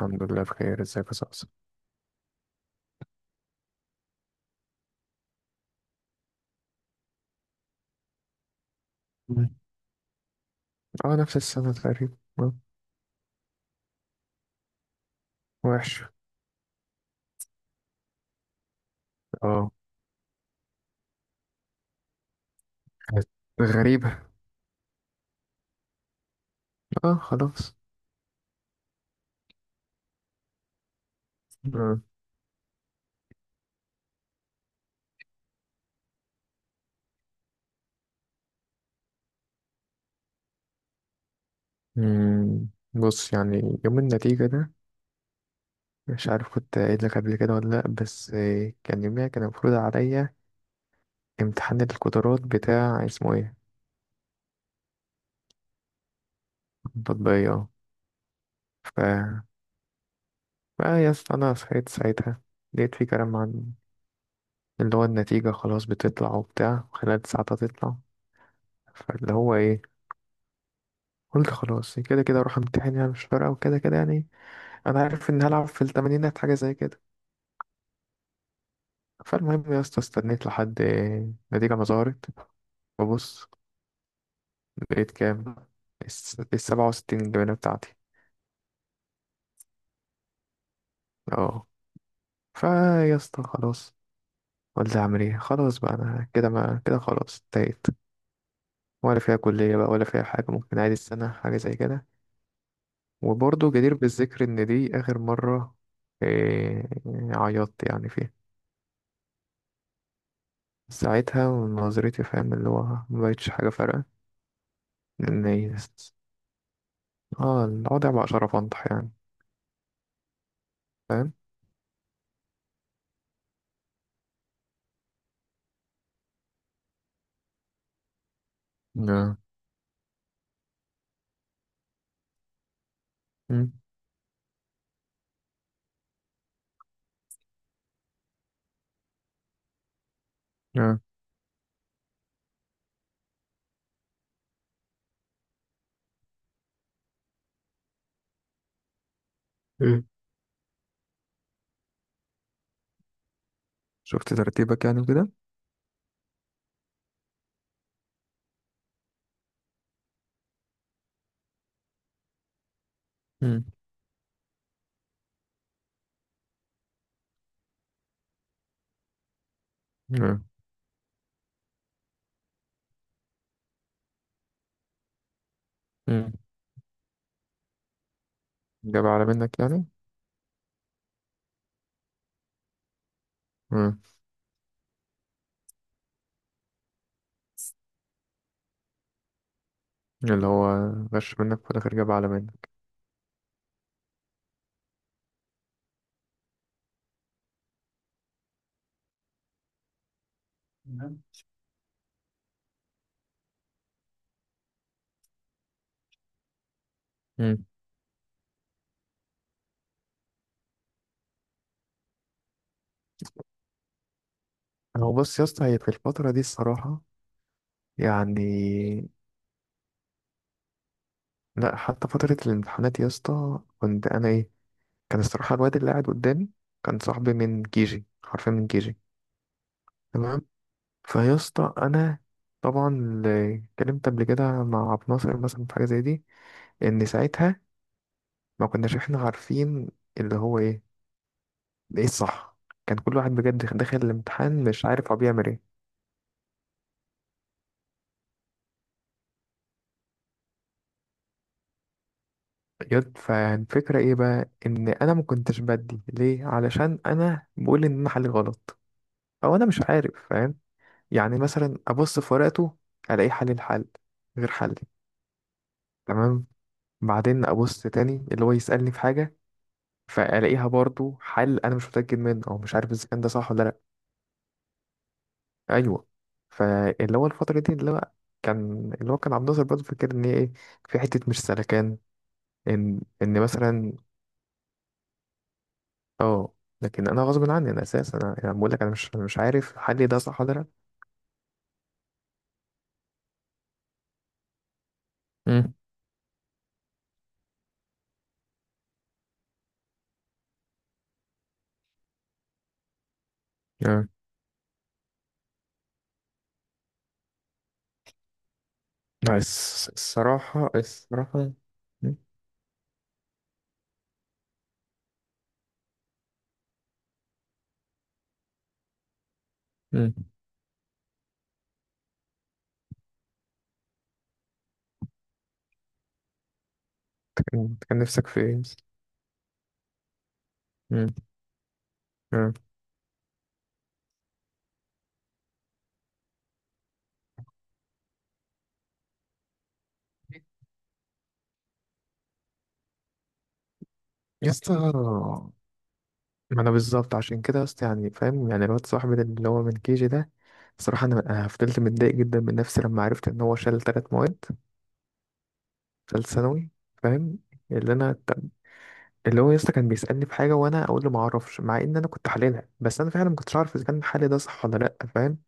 الحمد لله، بخير. ازيك يا صاصا؟ مم. اه، نفس السنة تقريبا. وحشة. اه، كانت غريبة. اه، خلاص. آه. مم. بص يعني يوم النتيجة ده، مش عارف كنت قايل لك قبل كده ولا لأ، بس كان يوميها كان المفروض عليا امتحان القدرات بتاع اسمه ايه التطبيقية. اه. ف بقى يا اسطى انا صحيت ساعتها، لقيت في كلام عن اللي هو النتيجة خلاص بتطلع وبتاع، خلال ساعة تطلع. فاللي هو ايه، قلت خلاص كده كده اروح امتحن، يعني مش فارقه، وكده كده يعني انا عارف ان هلعب في التمانينات، حاجه زي كده. فالمهم يا اسطى استنيت لحد النتيجه ما ظهرت، ببص لقيت كام، 67 الجبنة بتاعتي. اه. فا يا اسطى خلاص، قلت اعمل ايه خلاص بقى، انا كده ما كده خلاص انتهيت. ولا فيها كلية بقى ولا فيها حاجة، ممكن عادي السنة حاجة زي كده. وبرضه جدير بالذكر ان دي اخر مرة إيه عيطت يعني فيها. ساعتها من نظرتي، فاهم، اللي هو مبقتش حاجة فارقة. لأن هي- اه، الوضع بقى شرف أنطح يعني. فاهم. نعم. مم. نعم. إيه، شفت ترتيبك يعني وكده. مم. نعم. مم. جاب على منك يعني. مم. اللي هو غش منك، في الآخر جاب على منك. نعم. مم. هو بص يا اسطى، هي في الفترة دي الصراحة يعني. لا، حتى فترة الامتحانات يا اسطى كنت أنا إيه، كان الصراحة الواد اللي قاعد قدامي كان صاحبي من كيجي، حرفيا من كيجي. تمام. فيا اسطى انا طبعا اللي اتكلمت قبل كده مع عبد الناصر مثلا في حاجه زي دي، ان ساعتها ما كناش احنا عارفين اللي هو ايه، ايه الصح. كان كل واحد بجد داخل الامتحان مش عارف هو بيعمل ايه. يد، فالفكره ايه بقى، ان انا ما كنتش بدي ليه، علشان انا بقول ان انا حلي غلط، او انا مش عارف، فاهم. يعني مثلا ابص في ورقته، الاقي حل الحل غير حلي. تمام. بعدين ابص تاني اللي هو يسالني في حاجه، فالاقيها برضو حل انا مش متاكد منه، او مش عارف اذا كان ده صح ولا لا. ايوه. فاللي هو الفتره دي اللي هو كان، اللي هو كان عبد الناصر برضو فاكر ان هي ايه، في حته مش سلكان، ان مثلا. اه. لكن انا غصب عني، انا اساسا انا يعني أنا بقول لك انا مش عارف حل ده صح ولا لا. امم آه. لا، الصراحة. مم. مم. كان نفسك في ايه؟ مم. آه. يا اسطى ما انا بالظبط عشان كده، بس يعني فاهم، يعني الواد صاحبي ده اللي هو من كيجي ده، صراحة انا فضلت متضايق جدا من نفسي، لما عرفت ان هو شال 3 مواد، شال ثانوي. فاهم. اللي انا طب- اللي هو يسطا كان بيسألني في حاجة، وانا اقول له ما اعرفش، مع ان انا كنت حللها، بس انا فعلا ما كنتش عارف اذا كان حالي ده صح ولا لا، فاهم.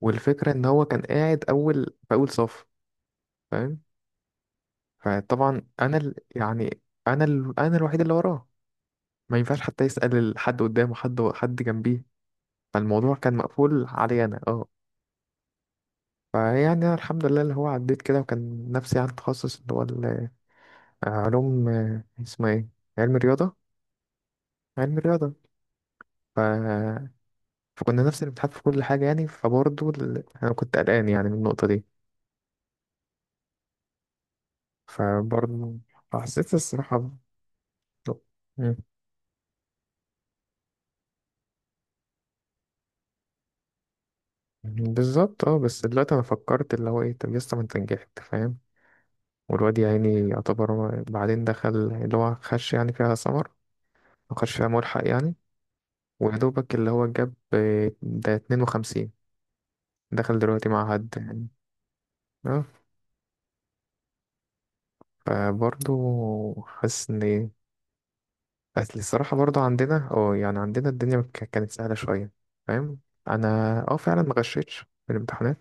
والفكرة ان هو كان قاعد اول في اول صف. فاهم. فطبعا انا ال... يعني انا ال... انا الوحيد اللي وراه، ما ينفعش حتى يسأل حد قدامه، حد جنبيه. فالموضوع كان مقفول علي انا. اه. فيعني أنا الحمد لله اللي هو عديت كده، وكان نفسي على التخصص علوم، اسمها ايه، علم رياضة. علم رياضة ف... فكنا نفس الامتحان في كل حاجة يعني. أنا كنت قلقان يعني من النقطة دي. فبرضه حسيت الصراحة مم. بالظبط. اه، بس دلوقتي أنا فكرت اللي هو ايه، طب يسطا ما انت نجحت، فاهم. والواد يا عيني يعتبر هو بعدين دخل اللي هو خش يعني فيها سمر، وخش فيها ملحق يعني، ويا دوبك اللي هو جاب، ده 52. دخل دلوقتي مع حد يعني؟ اه. فبرضه حاسس ان ايه. بس الصراحة برضه عندنا اه، يعني عندنا الدنيا كانت سهلة شوية. فاهم. انا اه، فعلا ما غشيتش في الامتحانات،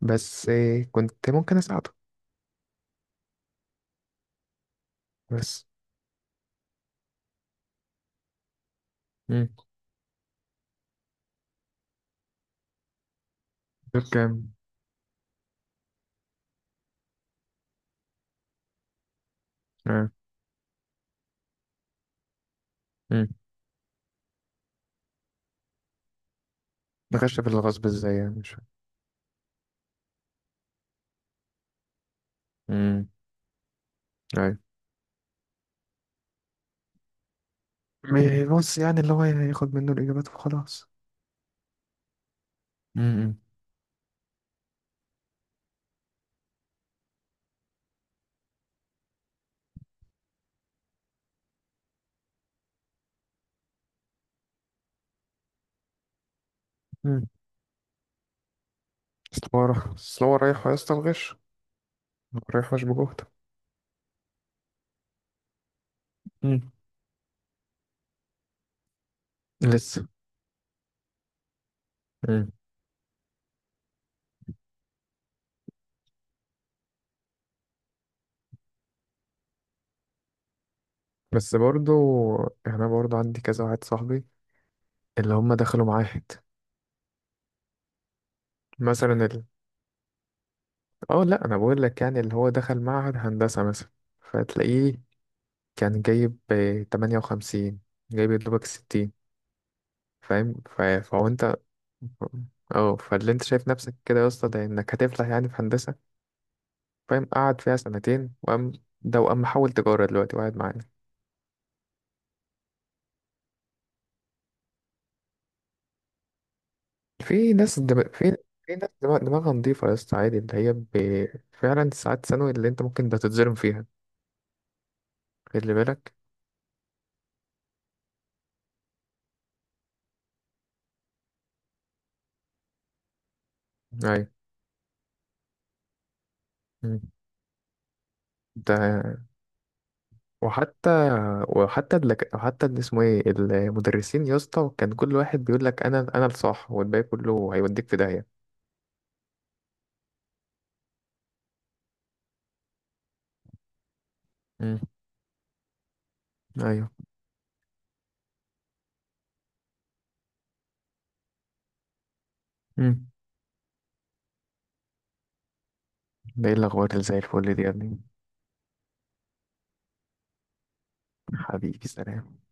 بس إيه كنت ممكن اساعده. بس. امم. دول كام؟ اه. امم. غش في الغصب ازاي يعني، مش فاهم. امم. ايوه. بص يعني اللي هو ياخد منه الاجابات وخلاص. امم. امم. أصل هو رايح يا اسطى الغش، رايح مش بجهد. امم. لسه. بس برضو يعني انا برضو عندي كذا واحد صاحبي اللي هم دخلوا معاهد. مثلا ال... اه لا، انا بقول لك يعني اللي هو دخل معهد هندسة مثلا، فتلاقيه كان جايب 58، جايب يا دوبك 60، فاهم، فهو انت اه، فاللي انت شايف نفسك كده يا اسطى، ده انك هتفلح يعني في هندسة، فاهم، قعد فيها سنتين وقام، ده وقام محول تجارة دلوقتي وقاعد معانا. في ناس دم... في في ناس دماغها نضيفة يا اسطى عادي، فعلا ساعات ثانوي اللي انت ممكن ده تتظلم فيها. خلي بالك. ايوه. مم. ده وحتى وحتى اللي اسمه ايه، المدرسين يا اسطى كان كل واحد بيقول لك، انا الصح والباقي كله هيوديك في داهيه. مم. ايوه. مم. ده ايه الاخبار اللي زي الفل دي يا ابني. حبيبي، سلام.